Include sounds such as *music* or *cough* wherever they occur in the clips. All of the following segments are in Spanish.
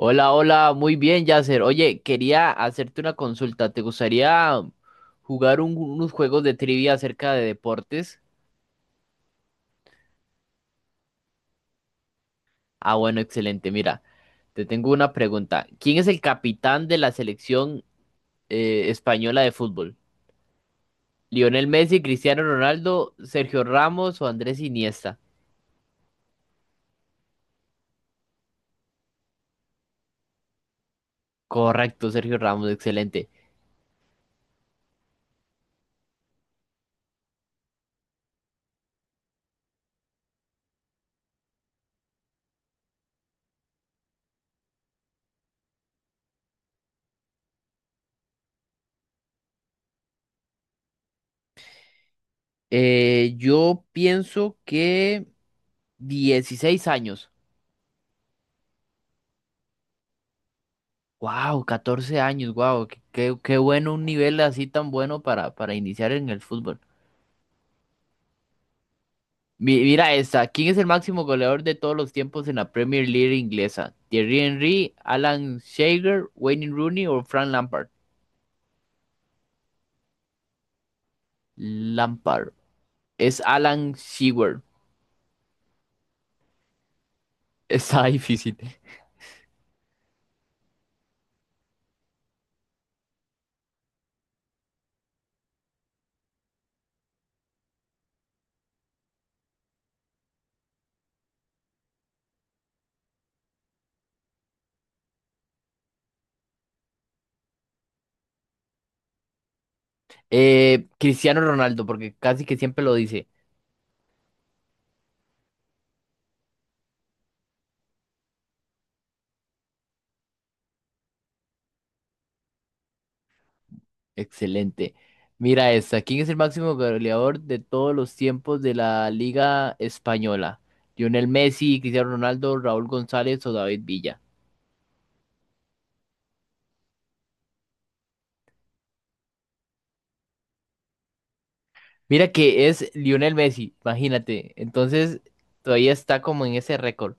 Hola, hola, muy bien, Yasser. Oye, quería hacerte una consulta. ¿Te gustaría jugar unos juegos de trivia acerca de deportes? Ah, bueno, excelente. Mira, te tengo una pregunta. ¿Quién es el capitán de la selección española de fútbol? ¿Lionel Messi, Cristiano Ronaldo, Sergio Ramos o Andrés Iniesta? Correcto, Sergio Ramos, excelente. Yo pienso que 16 años. Wow, 14 años, wow, qué, qué bueno un nivel así tan bueno para iniciar en el fútbol. Mira esta, ¿quién es el máximo goleador de todos los tiempos en la Premier League inglesa? ¿Thierry Henry, Alan Shearer, Wayne Rooney o Frank Lampard? Lampard. Es Alan Shearer. *laughs* Está difícil. Cristiano Ronaldo, porque casi que siempre lo dice. Excelente. Mira esta. ¿Quién es el máximo goleador de todos los tiempos de la Liga Española? ¿Lionel Messi, Cristiano Ronaldo, Raúl González o David Villa? Mira que es Lionel Messi, imagínate. Entonces, todavía está como en ese récord.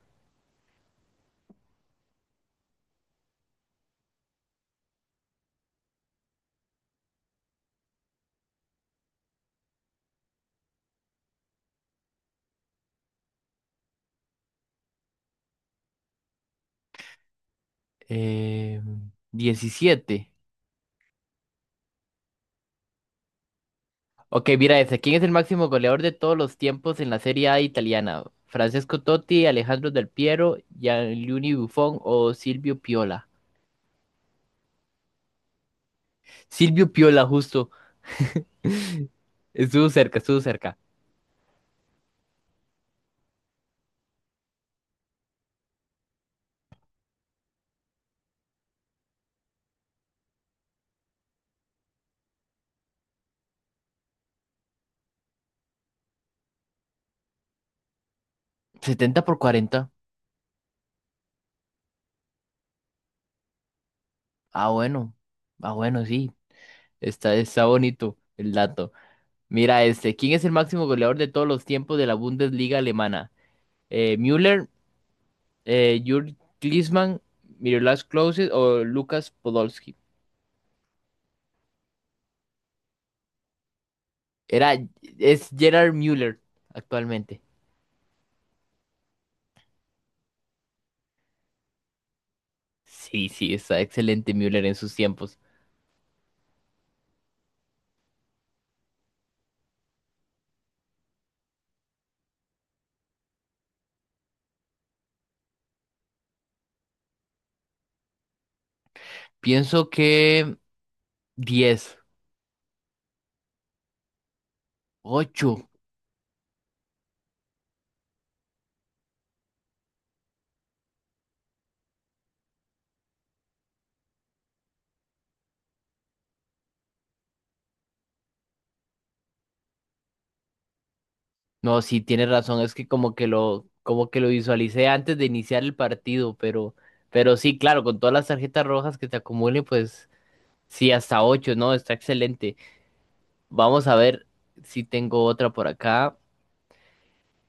Eh, 17. Ok, mira esta. ¿Quién es el máximo goleador de todos los tiempos en la Serie A italiana? ¿Francesco Totti, Alejandro Del Piero, Gianluigi Buffon o Silvio Piola? Silvio Piola, justo. *laughs* Estuvo cerca, estuvo cerca. Setenta por cuarenta. Ah, bueno. Ah, bueno, sí. Está bonito el dato. Mira este. ¿Quién es el máximo goleador de todos los tiempos de la Bundesliga alemana? Müller, Jürgen Klinsmann, Miroslav Klose o Lucas Podolski. Era, es Gerard Müller actualmente. Sí, sí, está excelente Müller en sus tiempos. Pienso que diez. Ocho. No, sí, tienes razón, es que como que lo visualicé antes de iniciar el partido, pero sí, claro, con todas las tarjetas rojas que te acumulen, pues sí, hasta ocho, ¿no? Está excelente. Vamos a ver si tengo otra por acá.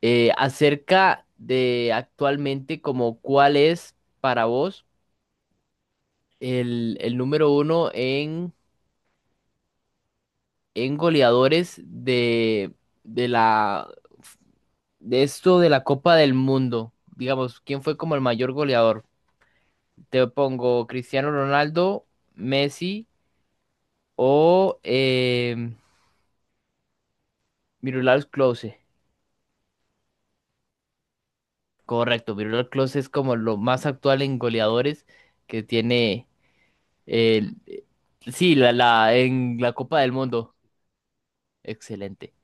Acerca de actualmente, como cuál es para vos el número uno en goleadores de la, de esto de la Copa del Mundo. Digamos, ¿quién fue como el mayor goleador? Te pongo Cristiano Ronaldo, Messi o Miroslav Klose. Correcto, Miroslav Klose es como lo más actual en goleadores que tiene el, sí, en la Copa del Mundo. Excelente.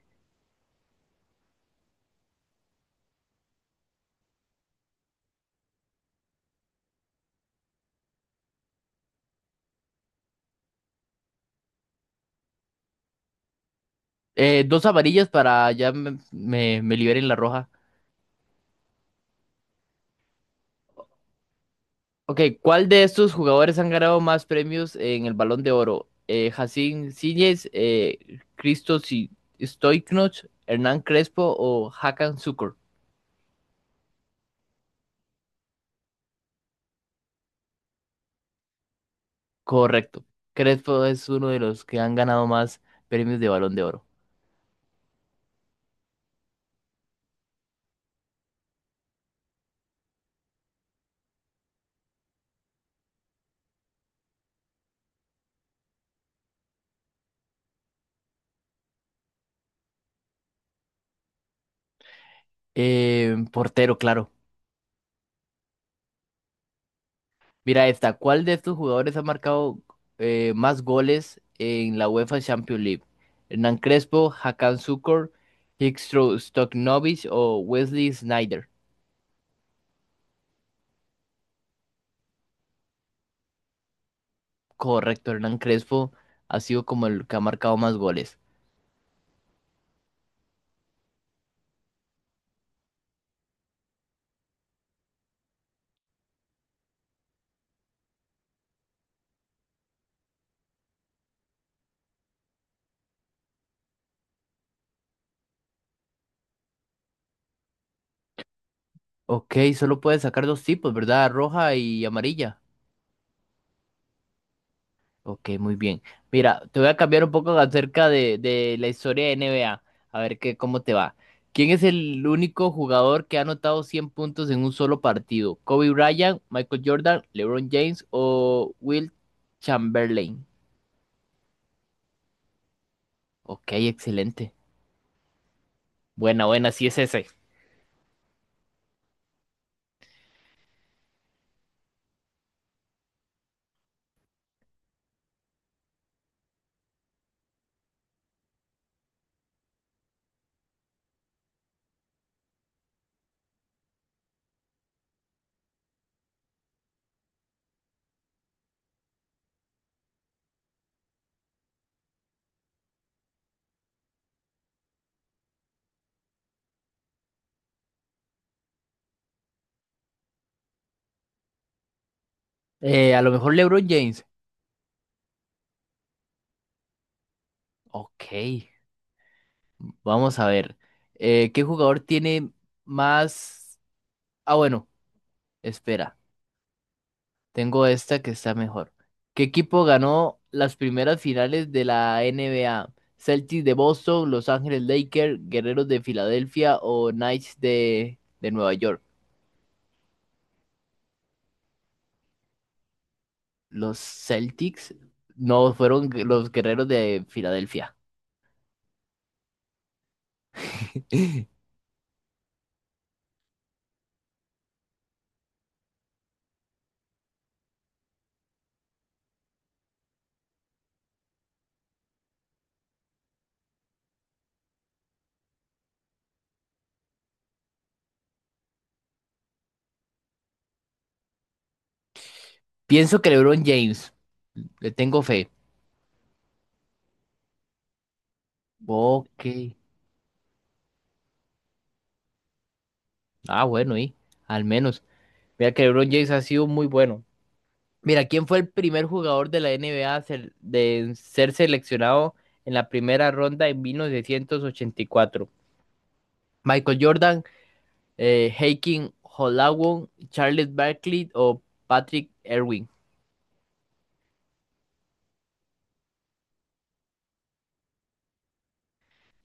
Dos amarillas para ya me liberen la roja. Ok, ¿cuál de estos jugadores han ganado más premios en el Balón de Oro? Jacín Síñez, Christos y Stoiknoch, Hernán Crespo o Hakan Sukur. Correcto. Crespo es uno de los que han ganado más premios de Balón de Oro. Portero, claro. Mira esta. ¿Cuál de estos jugadores ha marcado más goles en la UEFA Champions League? ¿Hernán Crespo, Hakan Şükür, Hristo Stoichkov o Wesley Sneijder? Correcto, Hernán Crespo ha sido como el que ha marcado más goles. Ok, solo puedes sacar dos tipos, ¿verdad? Roja y amarilla. Ok, muy bien. Mira, te voy a cambiar un poco acerca de la historia de NBA, a ver qué, cómo te va. ¿Quién es el único jugador que ha anotado 100 puntos en un solo partido? ¿Kobe Bryant, Michael Jordan, LeBron James o Will Chamberlain? Ok, excelente. Buena, buena, sí es ese. A lo mejor LeBron James. Ok, vamos a ver. ¿Qué jugador tiene más... Ah, bueno, espera. Tengo esta que está mejor. ¿Qué equipo ganó las primeras finales de la NBA? ¿Celtics de Boston, Los Ángeles Lakers, Guerreros de Filadelfia o Knights de Nueva York? Los Celtics no fueron los Guerreros de Filadelfia. *laughs* Pienso que LeBron James. Le tengo fe. Ok. Ah, bueno, y al menos. Mira que LeBron James ha sido muy bueno. Mira, ¿quién fue el primer jugador de la NBA a ser- de en ser seleccionado en la primera ronda en 1984? ¿Michael Jordan, Hakeem Olajuwon, Charles Barkley o Patrick Ewing?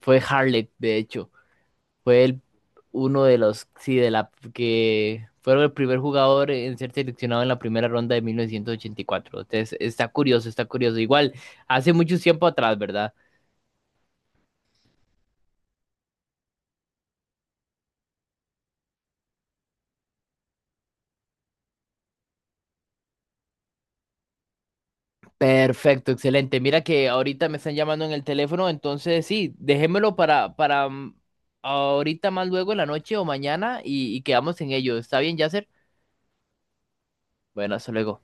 Fue Harley, de hecho. Fue el, uno de los, sí, que fueron el primer jugador en ser seleccionado en la primera ronda de 1984. Entonces, está curioso, está curioso. Igual, hace mucho tiempo atrás, ¿verdad? Perfecto, excelente. Mira que ahorita me están llamando en el teléfono, entonces sí, déjemelo para ahorita más luego en la noche o mañana y quedamos en ello. ¿Está bien, Yasser? Bueno, hasta luego.